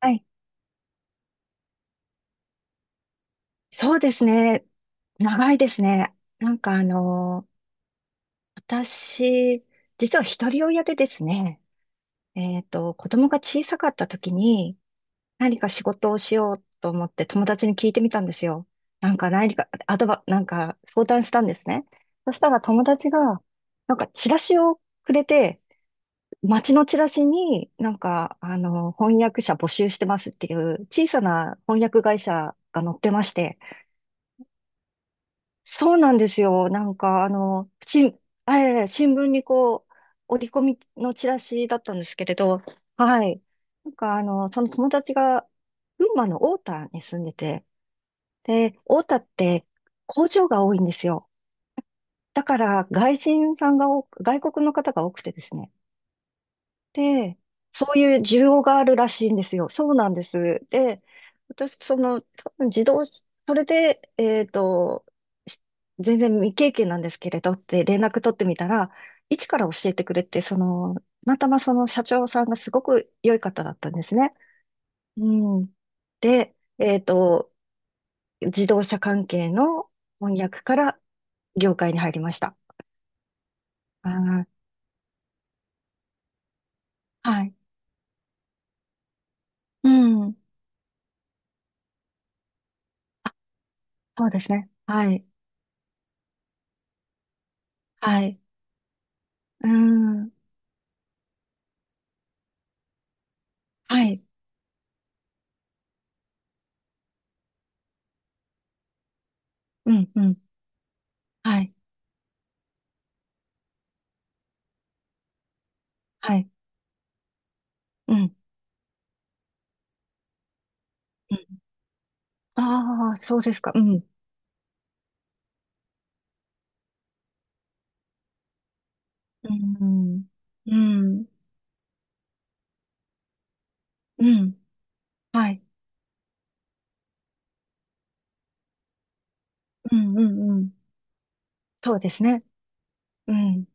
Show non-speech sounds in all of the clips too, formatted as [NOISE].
はい。そうですね。長いですね。なんかあの、私、実は一人親でですね、子供が小さかった時に何か仕事をしようと思って友達に聞いてみたんですよ。何か、アドバ、相談したんですね。そしたら友達が、チラシをくれて、街のチラシに翻訳者募集してますっていう小さな翻訳会社が載ってまして、そうなんですよ。新聞にこう、折り込みのチラシだったんですけれど、はい。その友達が、群馬の太田に住んでて、で、太田って工場が多いんですよ。だから、外人さんが多く、外国の方が多くてですね。で、そういう需要があるらしいんですよ。そうなんです。で、私、多分自動し、それで、し全然未経験なんですけれどって連絡取ってみたら、一から教えてくれて、たまたまその社長さんがすごく良い方だったんですね。うん。で、えっと、自動車関係の翻訳から業界に入りました。あー、はい。うん。あ、そうですね。はい。はい。うん。はい。うん、うん。はい。はい。うん、うん。ああ、そうですか。うん。うん。うん。うん。はい。うん、うん、うん。そうですね。うん。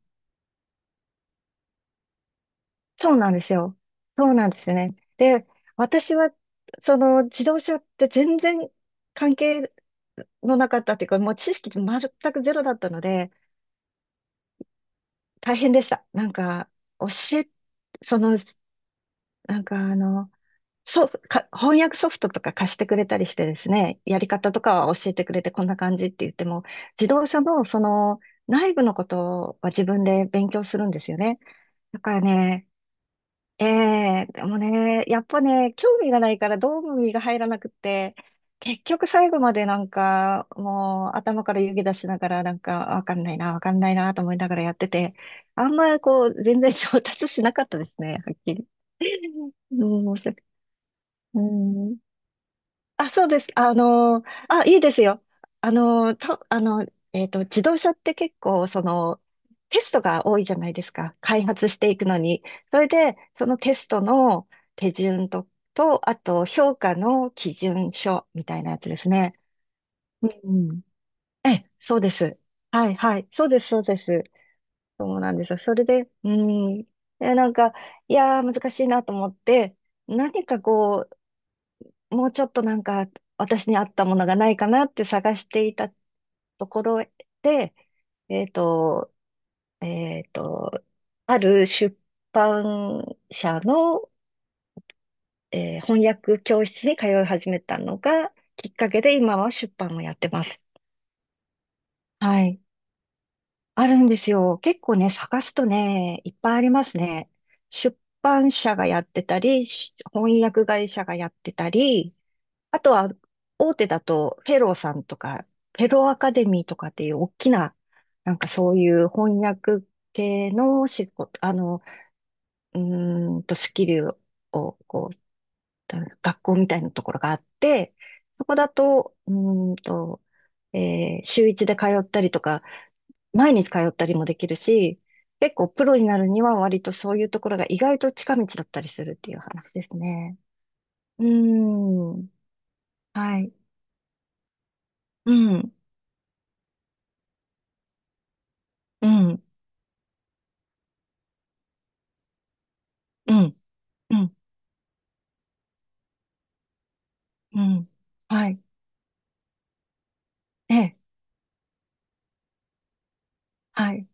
そうなんですよ。そうなんですね。で、私は、自動車って全然関係のなかったっていうか、もう知識全くゼロだったので、大変でした。なんか、教え、その、なんかあの、そう、か、翻訳ソフトとか貸してくれたりしてですね、やり方とかは教えてくれてこんな感じって言っても、自動車のその内部のことは自分で勉強するんですよね。だからね、ええでもね、やっぱね、興味がないからどうも身が入らなくって、結局最後までなんか、もう頭から湯気出しながらなんか、わかんないな、わかんないなと思いながらやってて、あんまりこう、全然上達しなかったですね、はっきり。うん、面白い。うん。あ、そうです。あ、いいですよ。あのー、と、あの、えっと、自動車って結構、テストが多いじゃないですか。開発していくのに。それで、そのテストの手順と、あと、評価の基準書みたいなやつですね。うん。ええ、そうです。はい、はい。そうです、そうです。そうなんですよ。それで、うん。え、なんか、いやー、難しいなと思って、何かもうちょっと私に合ったものがないかなって探していたところで、えっと、えっと、ある出版社の、翻訳教室に通い始めたのがきっかけで今は出版をやってます。はい。あるんですよ。結構ね、探すとね、いっぱいありますね。出版社がやってたり、翻訳会社がやってたり、あとは、大手だと、フェローさんとか、フェローアカデミーとかっていう大きな、そういう翻訳系の仕事、スキルを、学校みたいなところがあって、そこだと、ーんと、週一で通ったりとか、毎日通ったりもできるし、結構プロになるには割とそういうところが意外と近道だったりするっていう話ですね。うーん。はい。うん。うん。うん、うん、うん。はい。ええ、はい。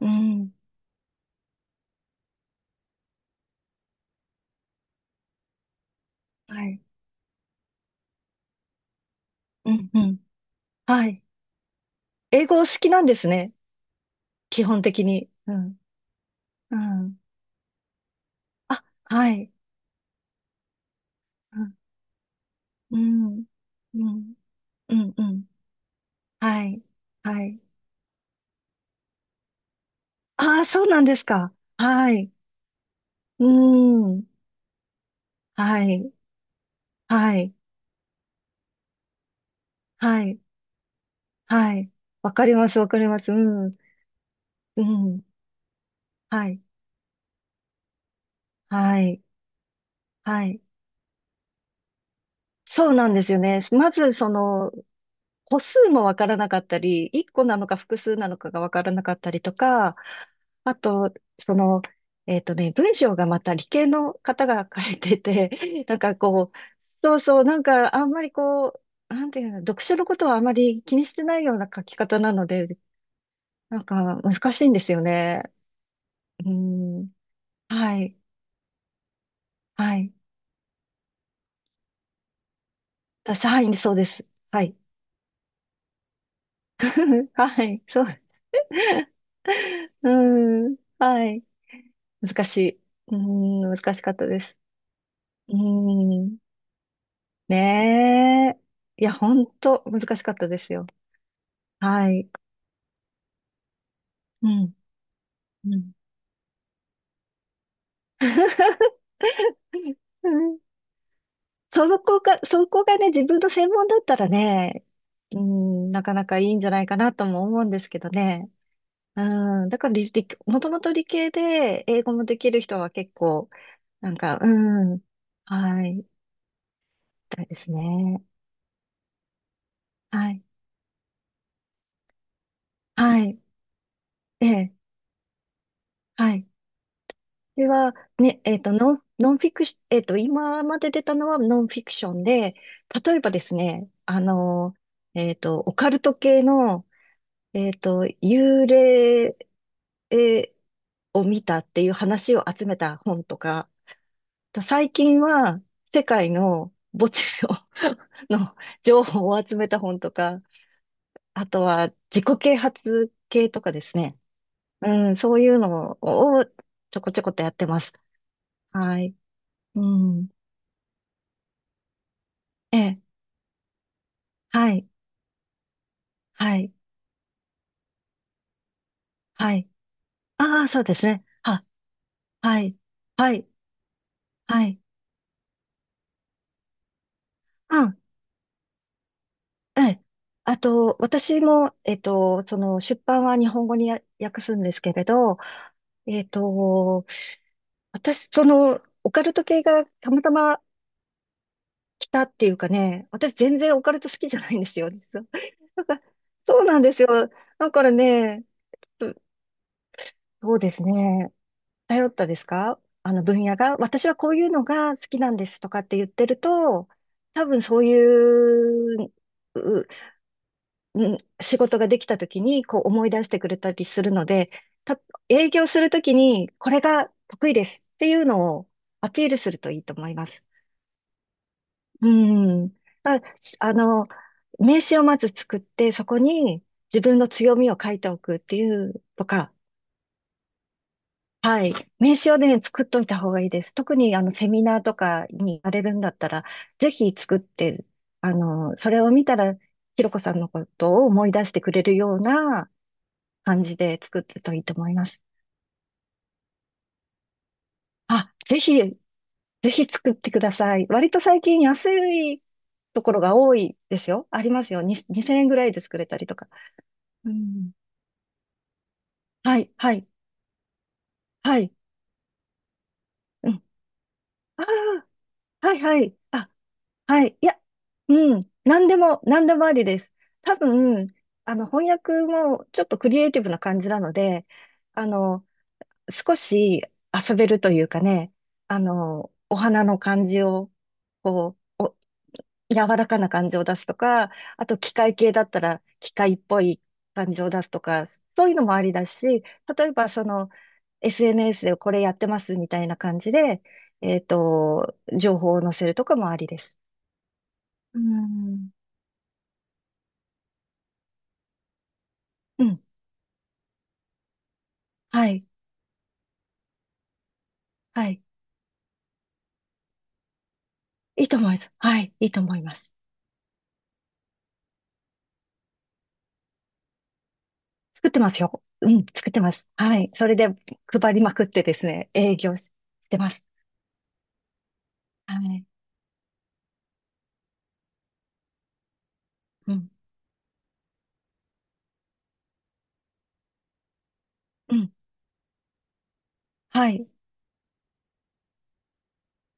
うん、はい。うん、うん。はい。英語お好きなんですね。基本的に。うん、うん。あ、はい。うん、うん、うん、うん。うん。はい。はい。ああ、そうなんですか。はい。うん。はい。はい。はい。はい。わかります、わかります。うん。うん。はい。はい。はい。そうなんですよね。まず、歩数もわからなかったり、1個なのか複数なのかがわからなかったりとか、あと、その、文章がまた理系の方が書いてて、[LAUGHS] そうそう、あんまりなんていうの、読書のことはあまり気にしてないような書き方なので、なんか難しいんですよね。うん、はい、はい。私、はい、そうです。はい。[LAUGHS] はい、そう。[LAUGHS] うん、はい。難しい。うーん、難しかったです。うーん。ねえ。いや、ほんと難しかったですよ。はい。うん。うん。[LAUGHS] うん。そこがね、自分の専門だったらね、うん、なかなかいいんじゃないかなとも思うんですけどね。うん、だからもともと理系で英語もできる人は結構、なんか、うん、はい、みたいですね。はい、はい、ええ、はい。これは、ね、えっと、ノン、ノンフィクシ、えっと、今まで出たのはノンフィクションで、例えばですね、オカルト系の、幽霊えーを見たっていう話を集めた本とか、と最近は世界の墓地の [LAUGHS] の情報を集めた本とか、あとは自己啓発系とかですね。うん、そういうのをちょこちょこっとやってます。はい。うん。ええ、はい、はい、はい。ああ、そうですね。は、はい、はい、はい。うん、ええ。あと、私も、出版は日本語に訳すんですけれど、えっと、私、オカルト系がたまたま来たっていうかね、私全然オカルト好きじゃないんですよ、実は。[LAUGHS] なんか、そうなんですよ。だからね、そうですね。頼ったですかあの分野が、私はこういうのが好きなんですとかって言ってると、多分そういう、う、うん仕事ができた時にこう思い出してくれたりするので、た、営業するときにこれが得意ですっていうのをアピールするといいと思います。うん。まあ、しあの、名刺をまず作って、そこに自分の強みを書いておくっていうとか、はい。名刺をね、作っといた方がいいです。特にあのセミナーとかに行かれるんだったら、ぜひ作って、それを見たら、ひろこさんのことを思い出してくれるような感じで作ってるといいと思います。あ、ぜひ、ぜひ作ってください。割と最近安いところが多いですよ。ありますよ。に2000円ぐらいで作れたりとか。うん。はい、はい、はい。うん。ああ、はい、はい。あ、はい。いや、うん。何でもありです。多分、翻訳もちょっとクリエイティブな感じなので、あの、少し遊べるというかね、お花の感じを、こう、お、柔らかな感じを出すとか、あと機械系だったら機械っぽい感じを出すとか、そういうのもありだし、例えばSNS でこれやってますみたいな感じで、情報を載せるとかもありです。うんうん。はい。はい。いいと思います。はい。いいと思います。作ってますよ。うん。作ってます。はい。それで配りまくってですね、営業してます。はい。うん。うん。はい。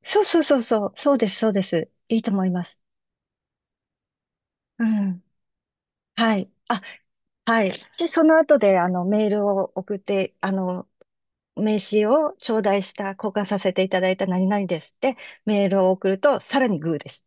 そうそうそうそう。そうです。そうです。いいと思います。うん。はい。あ、はい。で、その後で、メールを送って、名刺を頂戴した、交換させていただいた何々ですって、メールを送ると、さらにグーです。